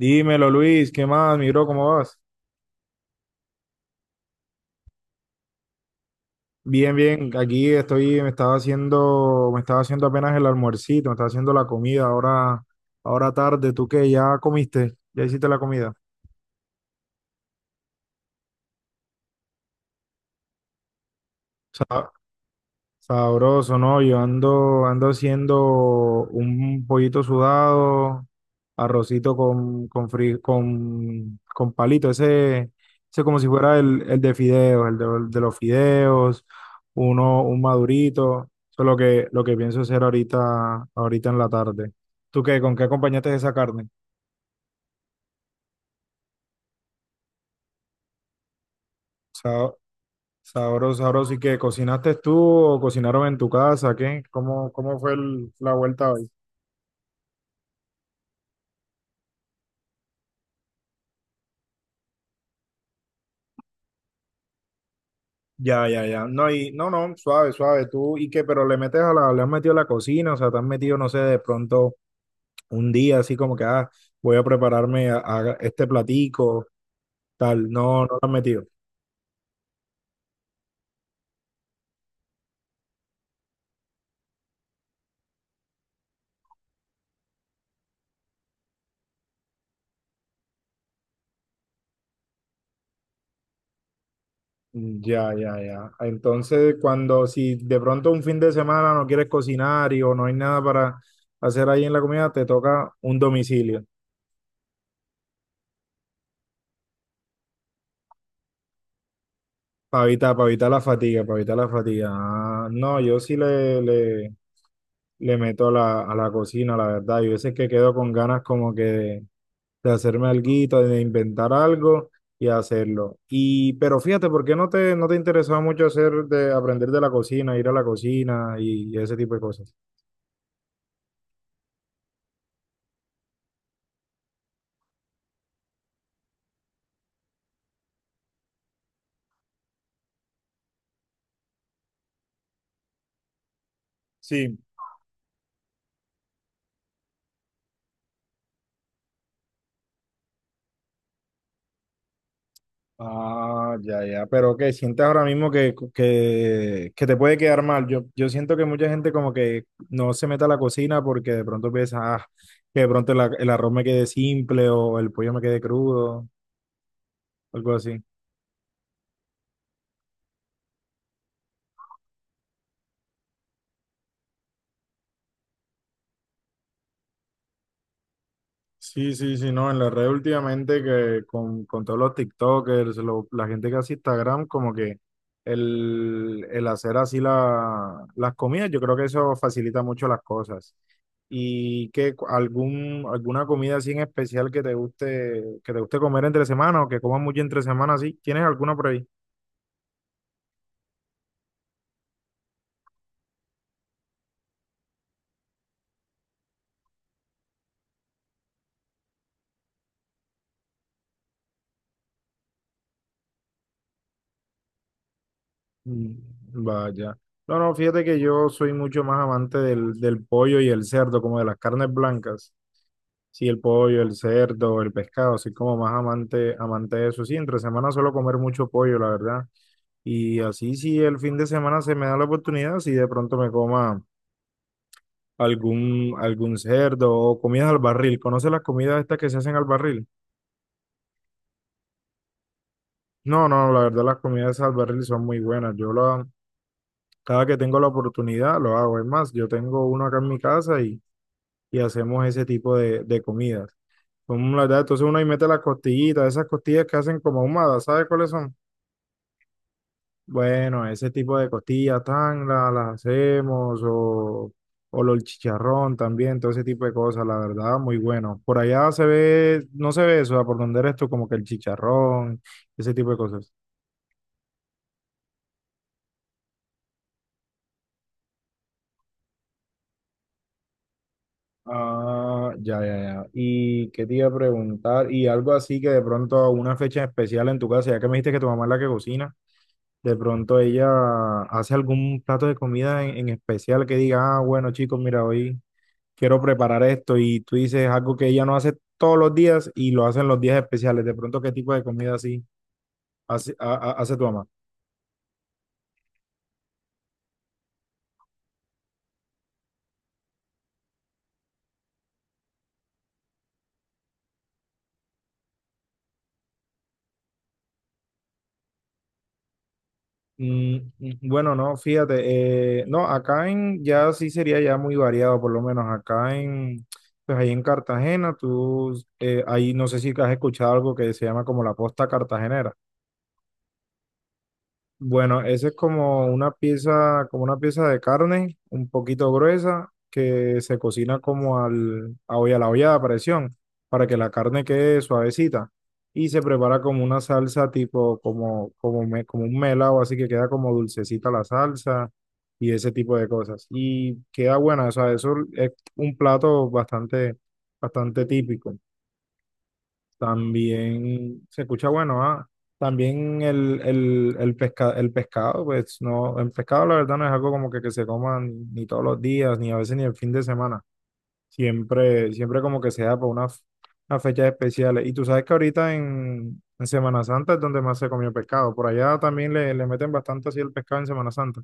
Dímelo, Luis, ¿qué más, mi bro? ¿Cómo vas? Bien, bien, aquí estoy, me estaba haciendo apenas el almuercito, me estaba haciendo la comida, ahora tarde. ¿Tú qué? ¿Ya comiste? ¿Ya hiciste la comida? Sabroso, ¿no? Yo ando, ando haciendo un pollito sudado, arrocito con palito, ese como si fuera el de fideos, el de los fideos, uno, un madurito. Eso es lo que pienso hacer ahorita en la tarde. ¿Tú qué? ¿Con qué acompañaste esa carne? Sa- Sabroso, sabroso. ¿Y qué? ¿Cocinaste tú o cocinaron en tu casa? ¿Qué? Cómo fue el- la vuelta hoy? Ya, ya, ya. No, y no, no, suave, suave. Tú, ¿y qué? Pero le metes a la, le has metido a la cocina, o sea, te has metido, no sé, de pronto un día así como que, ah, voy a prepararme a este platico, tal. No, no lo has metido. Ya, ya, ya. Entonces, cuando, si de pronto un fin de semana no quieres cocinar y o no hay nada para hacer ahí en la comida, te toca un domicilio. Para evitar la fatiga, para evitar la fatiga. Ah, no, yo sí le meto la, a la cocina, la verdad. Yo veces que quedo con ganas como que de hacerme alguito, de inventar algo y hacerlo. Y, pero fíjate, ¿por qué no te interesaba mucho hacer de aprender de la cocina, ir a la cocina y ese tipo de cosas? Sí. Ah, ya, ya, pero que sientes ahora mismo que te puede quedar mal. Yo siento que mucha gente como que no se mete a la cocina porque de pronto piensa, ah, que de pronto el, a- el arroz me quede simple o el pollo me quede crudo, algo así. Sí, sí, sí, no, en la red últimamente que con todos los TikTokers, lo- la gente que hace Instagram, como que el hacer así la, las comidas, yo creo que eso facilita mucho las cosas. ¿Y que algún, alguna comida así en especial que te guste comer entre semana o que comas mucho entre semana, así? ¿Tienes alguna por ahí? Mm. Vaya. No, no, fíjate que yo soy mucho más amante del pollo y el cerdo, como de las carnes blancas. Sí, el pollo, el cerdo, el pescado, soy como más amante, amante de eso. Sí, entre semana suelo comer mucho pollo, la verdad. Y así si el fin de semana se me da la oportunidad, si de pronto me coma algún cerdo o comidas al barril. ¿Conoces las comidas estas que se hacen al barril? No, no, la verdad las comidas al barril son muy buenas. Yo la, cada que tengo la oportunidad lo hago. Es más, yo tengo uno acá en mi casa y hacemos ese tipo de comidas. Son, la verdad, entonces uno ahí mete las costillitas, esas costillas que hacen como ahumadas, ¿sabes cuáles son? Bueno, ese tipo de costillas tan la- las hacemos o lo- el chicharrón también, todo ese tipo de cosas, la verdad, muy bueno. Por allá se ve, no se ve eso, ¿a por donde eres tú, como que el chicharrón, ese tipo de cosas. Ah, ya, ya, ya. ¿Y qué te iba a preguntar? Y algo así que de pronto a una fecha especial en tu casa, ya que me dijiste que tu mamá es la que cocina, de pronto ella hace algún plato de comida en especial que diga, ah, bueno, chicos, mira, hoy quiero preparar esto y tú dices algo que ella no hace todos los días y lo hacen los días especiales. De pronto, ¿qué tipo de comida así hace, a- hace tu mamá? Mm, bueno, no, fíjate, no, acá en ya sí sería ya muy variado, por lo menos pues ahí en Cartagena, tú, ahí no sé si has escuchado algo que se llama como la posta cartagenera. Bueno, esa es como una pieza de carne, un poquito gruesa, que se cocina como al, a olla, a la olla de presión, para que la carne quede suavecita. Y se prepara como una salsa tipo, me- como un melado, así que queda como dulcecita la salsa y ese tipo de cosas. Y queda buena, o sea, eso es un plato bastante, bastante típico. También se escucha bueno, ah. También pesca, el pescado, pues no, el pescado la verdad no es algo como que se coma ni, todos los días, ni a veces ni el fin de semana. Siempre, siempre como que sea para unas unas fechas especiales. Y tú sabes que ahorita en Semana Santa es donde más se comió pescado. Por allá también le meten bastante así el pescado en Semana Santa.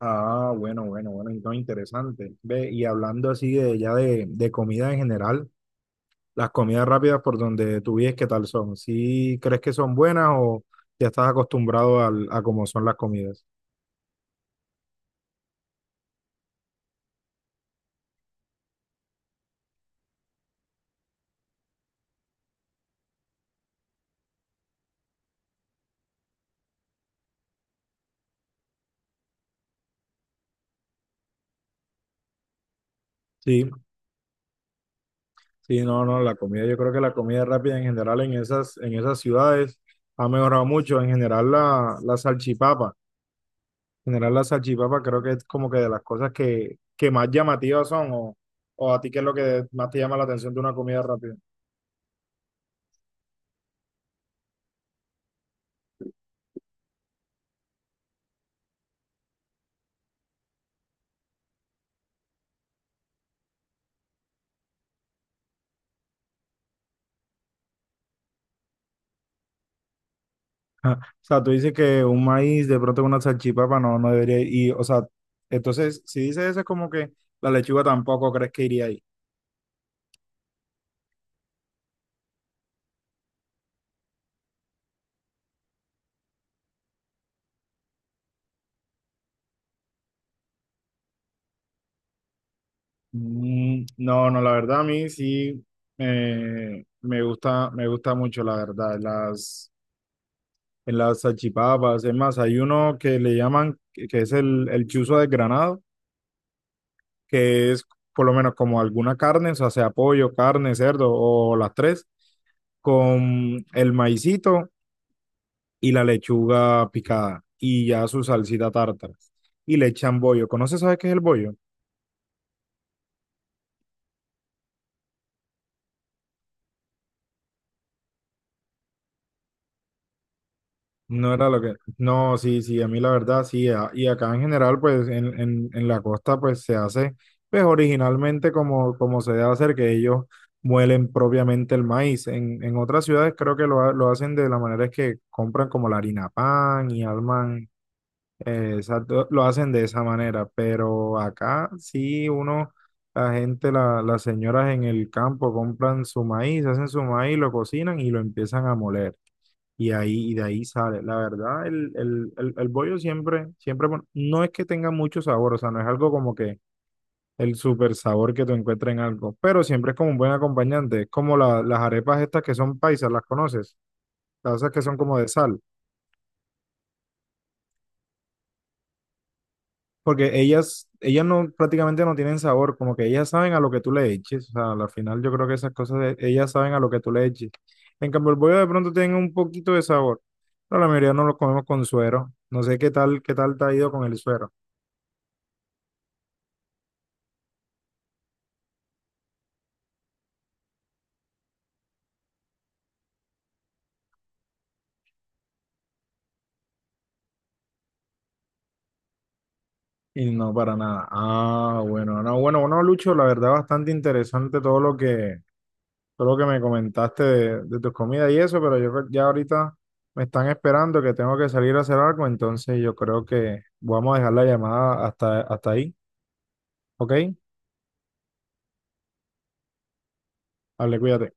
Ah, bueno, bueno, bueno, entonces interesante. Ve, y hablando así de ya de comida en general. Las comidas rápidas por donde tú vives, ¿qué tal son? ¿Sí crees que son buenas o ya estás acostumbrado al- a cómo son las comidas? Sí, sí, no, no, la comida, yo creo que la comida rápida en general en esas ciudades ha mejorado mucho. En general la salchipapa creo que es como que de las cosas que más llamativas son o a ti qué es lo que más te llama la atención de una comida rápida. Ah, o sea, tú dices que un maíz de pronto con una salchipapa no, no debería ir. Y, o sea, entonces, si dices eso es como que la lechuga tampoco crees que iría ahí. Mm, no, no, la verdad a mí sí me gusta mucho, la verdad, las, en las salchipapas. Es más, hay uno que le llaman, que es el chuzo desgranado, que es por lo menos como alguna carne, o sea, sea pollo, carne, cerdo o las tres con el maicito y la lechuga picada y ya su salsita tártara. Y le echan bollo. ¿Conoces, sabes qué es el bollo? No era lo que... No, sí, sí, a mí la verdad, sí. a- Y acá en general, pues en, en la costa, pues se hace, pues originalmente como, como se debe hacer, que ellos muelen propiamente el maíz. En otras ciudades creo que lo, ha- lo hacen de la manera es que compran como la harina pan y arman. Exacto, lo hacen de esa manera, pero acá sí uno, la gente, la- las señoras en el campo compran su maíz, hacen su maíz, lo cocinan y lo empiezan a moler. Y ahí, y de ahí sale. La verdad, el bollo siempre, siempre, bueno, no es que tenga mucho sabor, o sea, no es algo como que el super sabor que tú encuentras en algo, pero siempre es como un buen acompañante. Es como la- las arepas estas que son paisas, ¿las conoces? Las esas que son como de sal. Porque ellas no, prácticamente no tienen sabor, como que ellas saben a lo que tú le eches. O sea, al final yo creo que esas cosas, de- ellas saben a lo que tú le eches. En cambio, el bollo de pronto tiene un poquito de sabor, pero la mayoría no lo comemos con suero. No sé qué tal te ha ido con el suero. Y no, para nada. Ah, bueno, no, bueno, bueno, Lucho, la verdad bastante interesante todo lo que me comentaste de tus comidas y eso, pero yo creo- ya ahorita me están esperando que tengo que salir a hacer algo, entonces yo creo que vamos a dejar la llamada hasta, hasta ahí. ¿Ok? Hable, cuídate.